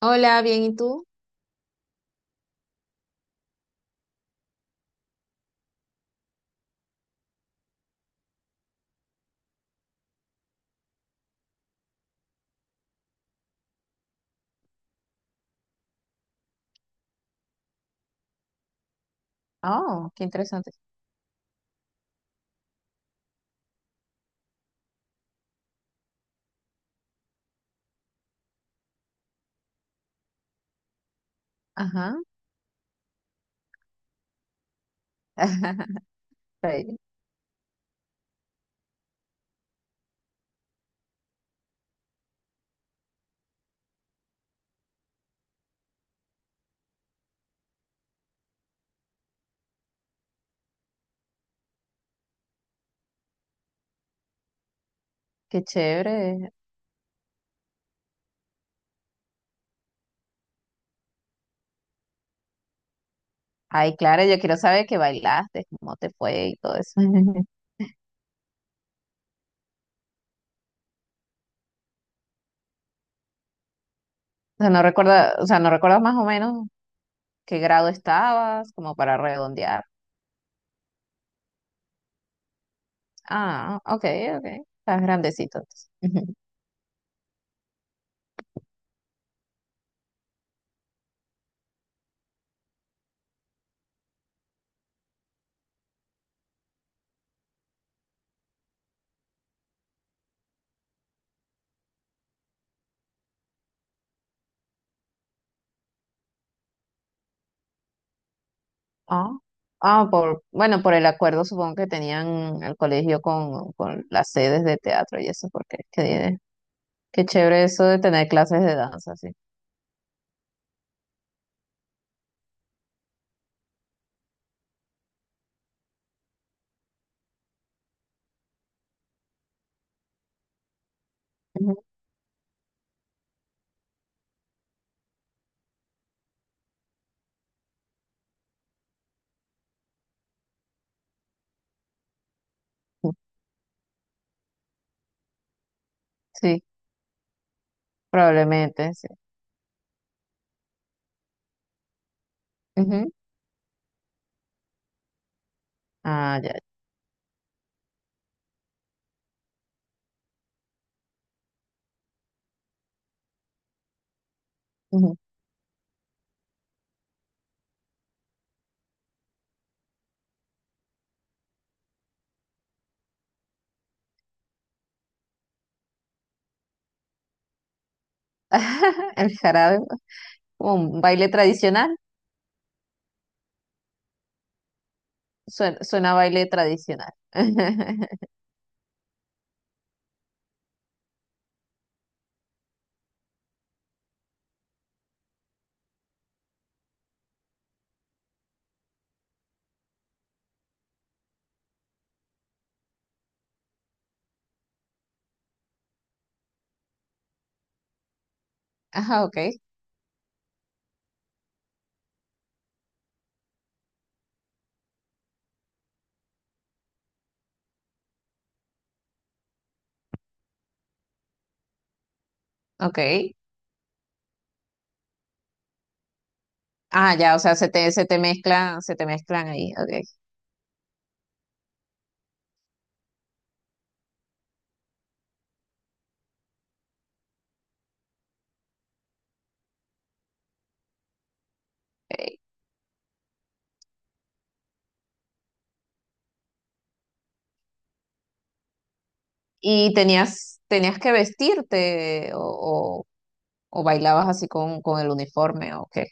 Hola, bien, ¿y tú? Oh, qué interesante. Ajá. Ay, qué chévere. Ay, claro, yo quiero saber que bailaste, cómo te fue y todo eso. O sea, no recuerdas más o menos qué grado estabas, como para redondear. Ah, ok, ok. Estás grandecito entonces. Ujú. Ah, ah, por, bueno, por el acuerdo supongo que tenían el colegio con las sedes de teatro y eso, porque qué, qué chévere eso de tener clases de danza, sí. Ujú. Sí. Probablemente, sí. Ujú. Ah, ya. Ujú. El jarabe es como un baile tradicional. Suena, suena a baile tradicional. Ajá, ok, ok. Ah, ya, o sea, se te mezclan ahí, ok. Ok. ¿Y tenías, tenías que vestirte o bailabas así con el uniforme o qué?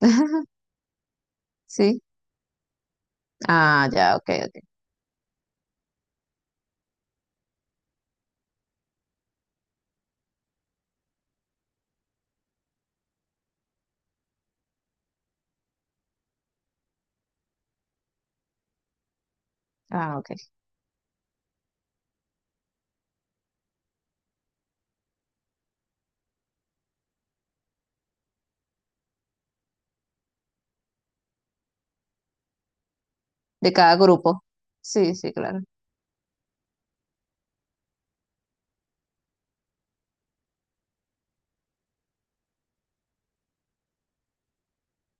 Sí. Ah, ya, ok, ok. Ah, ok. De cada grupo. Sí, sí, claro.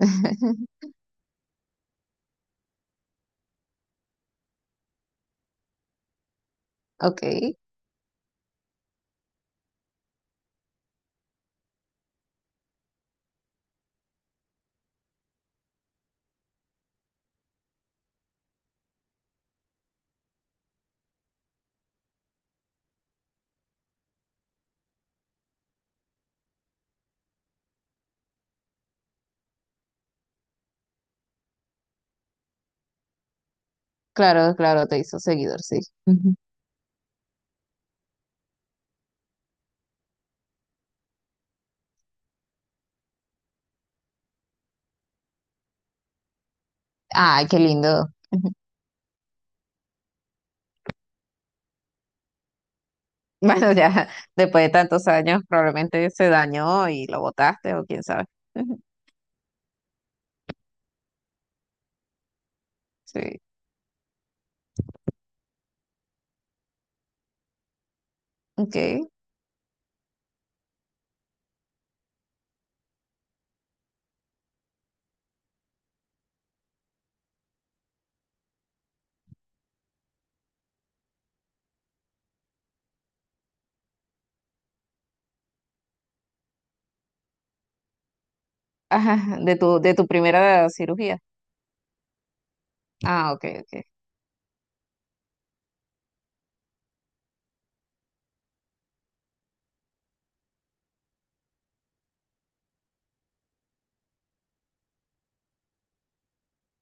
Ok. Claro, claro, te hizo seguidor, sí. Ujú. Ay, qué lindo. Ujú. Bueno, ya después de tantos años probablemente se dañó y lo botaste o quién sabe. Ujú. Sí. Ok. Ajá, de tu primera cirugía. Ah, ok, ok.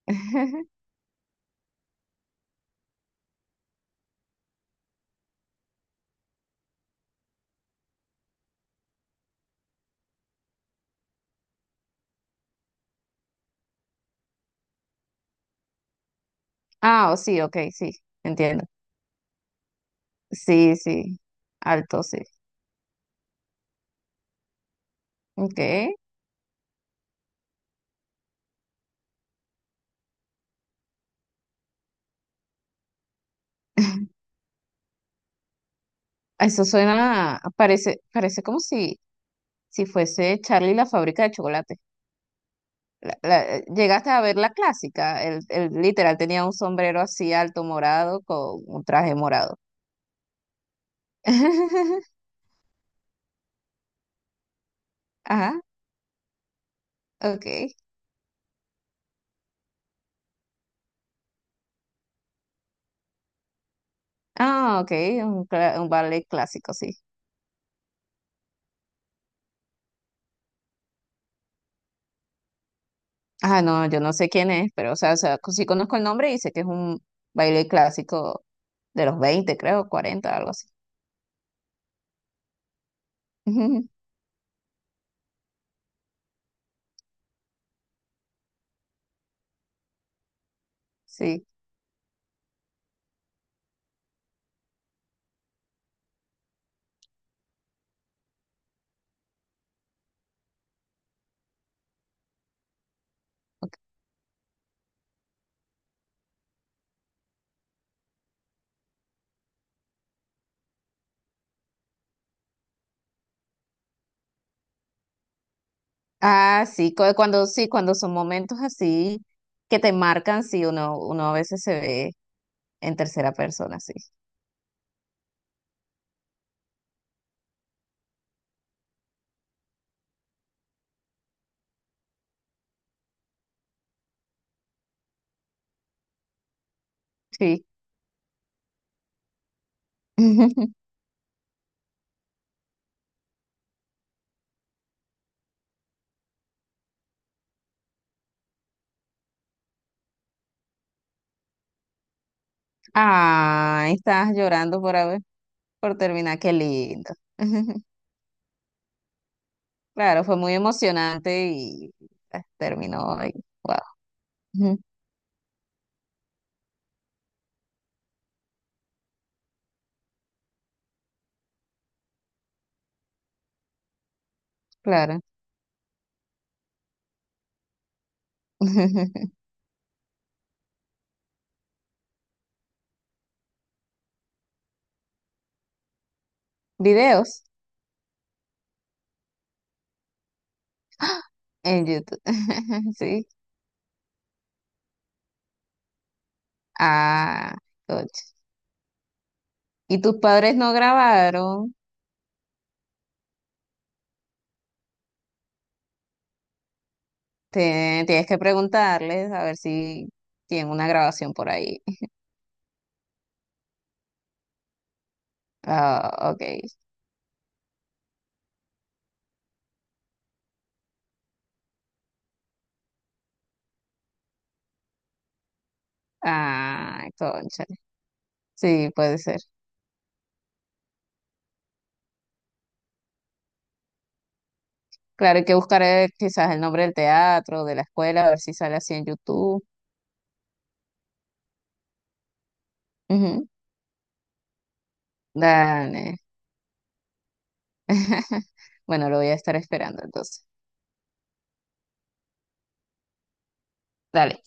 Ah, oh, sí, ok, sí, entiendo. Sí, sí, alto, sí. Ok. Eso suena, parece, parece como si, si fuese Charlie la fábrica de chocolate. La- la- llegaste a ver la clásica. El literal tenía un sombrero así alto morado con un traje morado. Ajá, ok. Ah, ok, un, cla- un ballet clásico, sí. Ah, no, yo no sé quién es, pero o sea, sí conozco el nombre y sé que es un baile clásico de los 20 creo, 40 algo así. Sí. Ok. Ah, sí, cu- cuando sí, cuando son momentos así que te marcan, sí, uno, uno a veces se ve en tercera persona, sí. Sí. Ah, estabas llorando por haber, por terminar, qué lindo. Claro, fue muy emocionante y ah, terminó ahí. Wow. Ujú. Claro. Videos en YouTube. Sí. Ah, coche. ¿Y tus padres no grabaron? Te- tienes que preguntarles a ver si tienen una grabación por ahí. Ah, ok. Ah, concha. Sí, puede ser. Claro, hay que buscar quizás el nombre del teatro, de la escuela, a ver si sale así en YouTube. Ujú. Dale. Bueno, lo voy a estar esperando entonces. Dale.